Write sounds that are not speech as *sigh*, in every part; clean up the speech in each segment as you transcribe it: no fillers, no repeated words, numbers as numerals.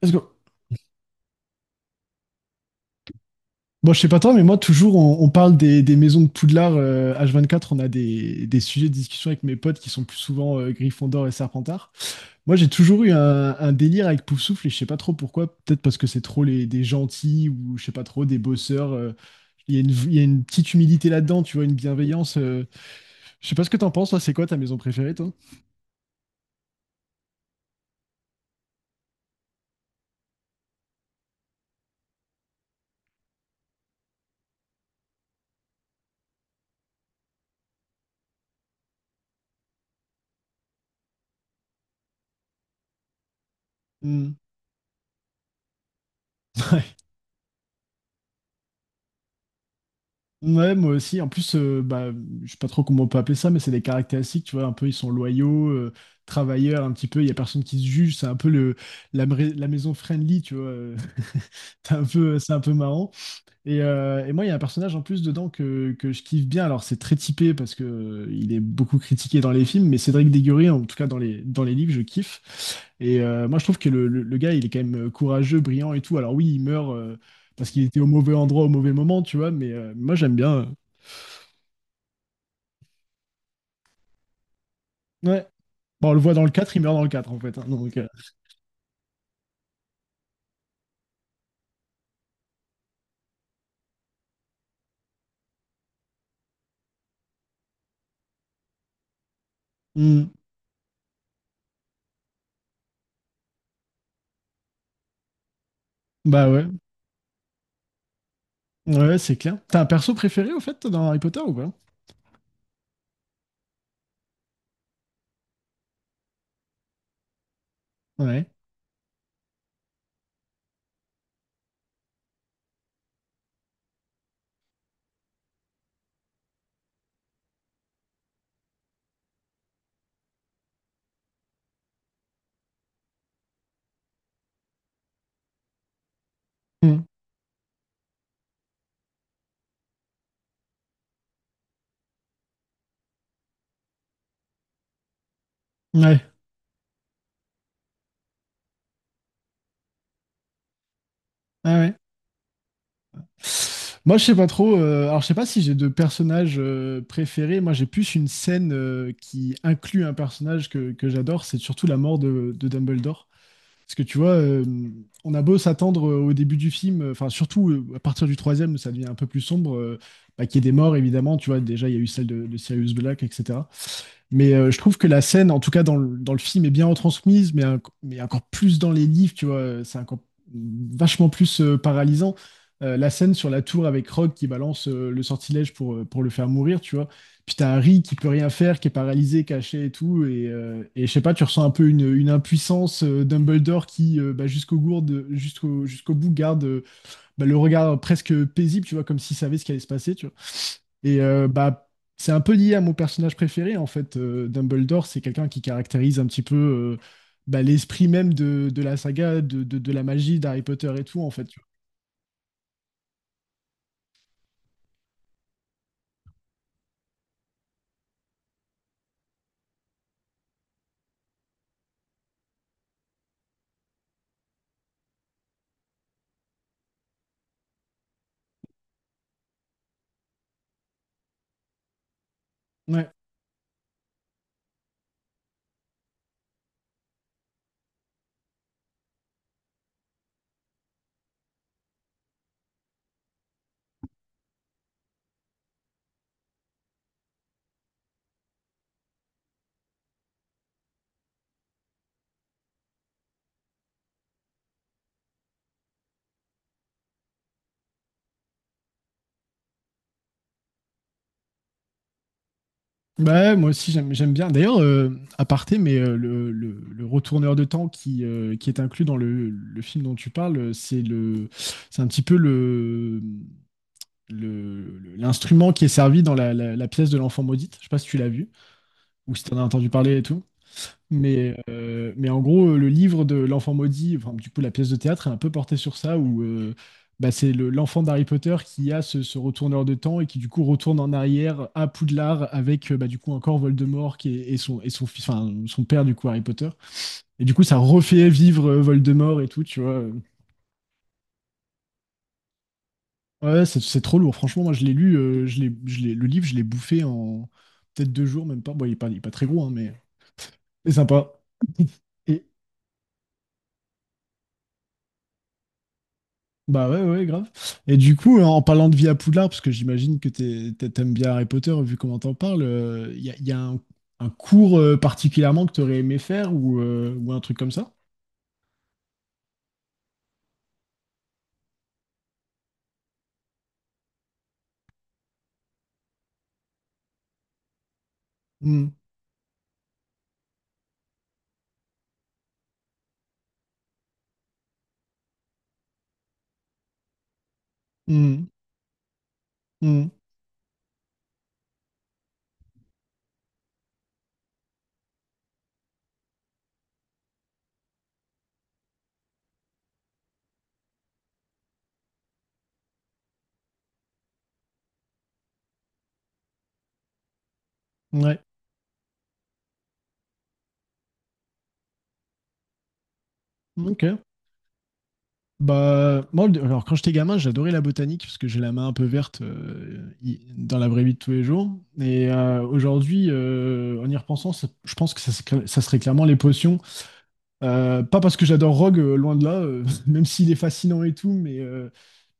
Let's go. Bon, je sais pas toi, mais moi, toujours, on parle des maisons de Poudlard H24. On a des sujets de discussion avec mes potes qui sont plus souvent Gryffondor et Serpentard. Moi, j'ai toujours eu un délire avec Poufsouffle et je sais pas trop pourquoi. Peut-être parce que c'est trop les, des gentils ou je sais pas trop, des bosseurs. Il y a une petite humilité là-dedans, tu vois, une bienveillance. Je sais pas ce que t'en penses, toi. C'est quoi ta maison préférée, toi? Hmm. Ouais. Ouais, moi aussi. En plus, je sais pas trop comment on peut appeler ça, mais c'est des caractéristiques, tu vois, un peu, ils sont loyaux, travailleurs, un petit peu, il y a personne qui se juge, c'est un peu la maison friendly, tu vois. *laughs* C'est un peu marrant. Et moi, il y a un personnage en plus dedans que je kiffe bien. Alors, c'est très typé parce que il est beaucoup critiqué dans les films, mais Cédric Déguerré, en tout cas dans les livres, je kiffe. Moi, je trouve que le gars, il est quand même courageux, brillant et tout. Alors oui, il meurt parce qu'il était au mauvais endroit au mauvais moment, tu vois, mais moi, j'aime bien. Ouais. Bon, on le voit dans le 4, il meurt dans le 4 en fait, hein, hmm. Bah ouais, ouais, c'est clair. T'as un perso préféré, au fait, dans Harry Potter ou pas? Ouais. Hmm. Ouais. Ah ouais. Moi, je sais pas trop. Alors, je sais pas si j'ai de personnages préférés. Moi, j'ai plus une scène qui inclut un personnage que j'adore. C'est surtout la mort de Dumbledore. Parce que tu vois, on a beau s'attendre au début du film, enfin, surtout à partir du troisième, ça devient un peu plus sombre, qu'il y ait des morts, évidemment. Tu vois, déjà, il y a eu celle de Sirius Black, etc. Mais je trouve que la scène, en tout cas dans le film, est bien retransmise, mais encore plus dans les livres, tu vois, c'est encore vachement plus paralysant. La scène sur la tour avec Rogue qui balance le sortilège pour le faire mourir, tu vois. Puis t'as Harry qui peut rien faire, qui est paralysé, caché et tout. Et je sais pas, tu ressens un peu une impuissance. Dumbledore jusqu'au gourde, jusqu'au jusqu'au bout, garde le regard presque paisible, tu vois, comme s'il savait ce qui allait se passer, tu vois. Et euh, bah, c'est un peu lié à mon personnage préféré, en fait. Dumbledore, c'est quelqu'un qui caractérise un petit peu l'esprit même de la saga, de la magie d'Harry Potter et tout, en fait. Tu vois. Ouais. Bah, ouais, moi aussi, j'aime, j'aime bien. D'ailleurs, à aparté, mais le retourneur de temps qui est inclus dans le film dont tu parles, c'est un petit peu l'instrument qui est servi dans la pièce de l'enfant maudite. Je sais pas si tu l'as vu ou si tu en as entendu parler et tout. Mais en gros, le livre de l'enfant maudit, enfin, du coup, la pièce de théâtre est un peu portée sur ça, où c'est l'enfant d'Harry Potter qui a ce retourneur de temps et qui, du coup, retourne en arrière à Poudlard avec, du coup, encore Voldemort qui est- et son, fils- enfin, son père, du coup, Harry Potter. Et du coup, ça refait vivre Voldemort et tout, tu vois. Ouais, ouais, c'est trop lourd. Franchement, moi, je l'ai lu, le livre, je l'ai bouffé en peut-être 2 jours, même pas. Bon, il est pas très gros, hein, mais c'est sympa. *laughs* Et, Bah ouais, ouais, ouais, grave. Et du coup, en parlant de vie à Poudlard, parce que j'imagine que t'aimes bien Harry Potter, vu comment t'en parles, il y a, y a un cours particulièrement que t'aurais aimé faire ou un truc comme ça? Hmm, hmm, hmm, ouais, ok. Bah, moi, alors quand j'étais gamin, j'adorais la botanique, parce que j'ai la main un peu verte dans la vraie vie de tous les jours. Et aujourd'hui, en y repensant, je pense que ça serait clairement les potions. Pas parce que j'adore Rogue, loin de là, *laughs* même s'il est fascinant et tout, mais euh,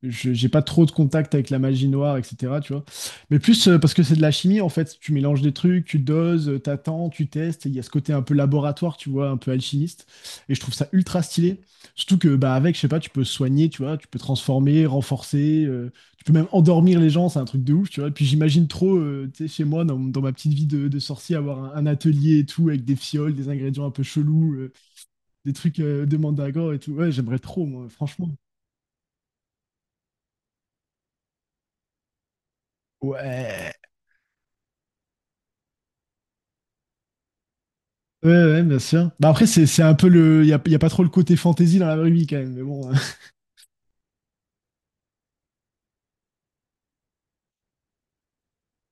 je- j'ai pas trop de contact avec la magie noire, etc. Tu vois. Mais plus parce que c'est de la chimie, en fait. Tu mélanges des trucs, tu doses, t'attends, tu testes. Il y a ce côté un peu laboratoire, tu vois, un peu alchimiste. Et je trouve ça ultra stylé. Surtout que bah, avec, je sais pas, tu peux soigner, tu vois, tu peux transformer, renforcer, tu peux même endormir les gens, c'est un truc de ouf, tu vois. Et puis j'imagine trop, tu sais, chez moi, dans ma petite vie de sorcier, avoir un atelier et tout, avec des fioles, des ingrédients un peu chelous. Des trucs de Mandragore et tout. Ouais, j'aimerais trop, moi, franchement. Ouais. Ouais, ouais, bien sûr. Bah après, c'est un peu le. Il n'y a pas trop le côté fantasy dans la vraie vie quand même. Mais bon, *laughs*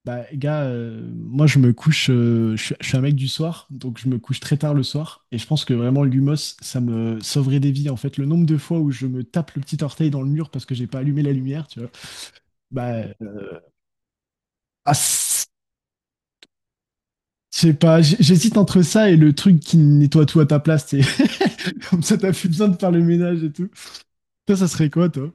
bah, gars, moi, je me couche. Je suis un mec du soir, donc je me couche très tard le soir. Et je pense que vraiment, l'humos, ça me sauverait des vies. En fait, le nombre de fois où je me tape le petit orteil dans le mur parce que j'ai pas allumé la lumière, tu vois. Bah, euh, ah, c'est- je sais pas. J'hésite entre ça et le truc qui nettoie tout à ta place. Tu sais. *laughs* Comme ça, t'as plus besoin de faire le ménage et tout. Toi, ça serait quoi, toi?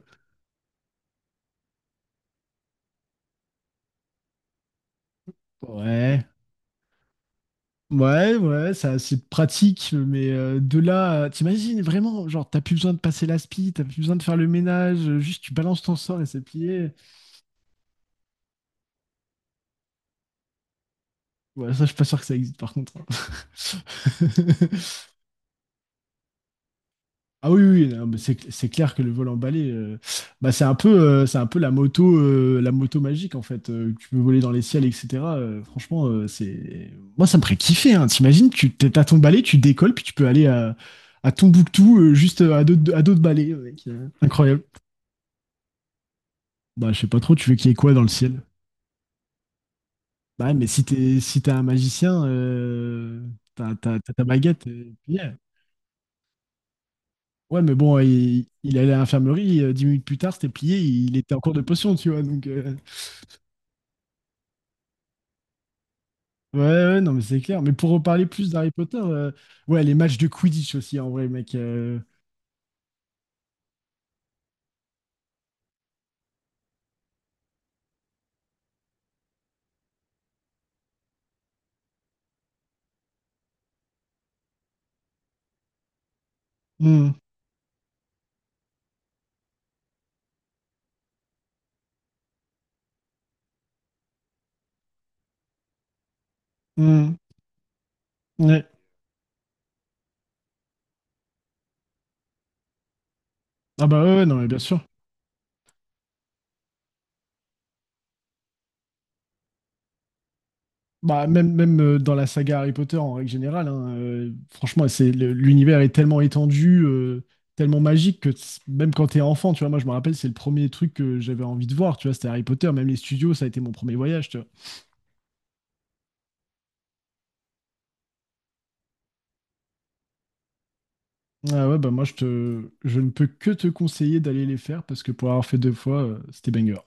Ouais. Ouais, ouais, ça, c'est pratique, mais de là, t'imagines vraiment, genre, t'as plus besoin de passer l'aspi, t'as plus besoin de faire le ménage, juste tu balances ton sort et c'est plié. Ouais, ça, je suis pas sûr que ça existe, par contre, hein. *laughs* Ah oui, oui, non, mais c'est clair que le vol emballé, bah c'est un peu la moto magique en fait. Que tu peux voler dans les ciels, etc. Franchement, c'est, moi ça me ferait kiffer. Hein. T'imagines, t'as ton balai, tu décolles, puis tu peux aller à Tombouctou juste à dos de balai, mec. Incroyable. Bah je sais pas trop, tu veux qu'il y ait quoi dans le ciel? Bah mais si t'es un magicien, t'as ta baguette. Yeah. Ouais, mais bon, il allait à l'infirmerie, 10 minutes plus tard, c'était plié, il était en cours de potion, tu vois, donc... Ouais, ouais, non, mais c'est clair. Mais pour reparler plus d'Harry Potter, ouais, les matchs de Quidditch aussi, en vrai, mec. Hmm, hmm, ouais. Ah bah ouais, ouais, non, mais bien sûr. Bah, même dans la saga Harry Potter, en règle générale, hein, franchement, l'univers est tellement étendu, tellement magique même quand t'es enfant, tu vois, moi, je me rappelle, c'est le premier truc que j'avais envie de voir, tu vois, c'était Harry Potter. Même les studios, ça a été mon premier voyage, tu vois. Ah ouais, bah moi, je ne peux que te conseiller d'aller les faire parce que pour avoir fait 2 fois, c'était banger.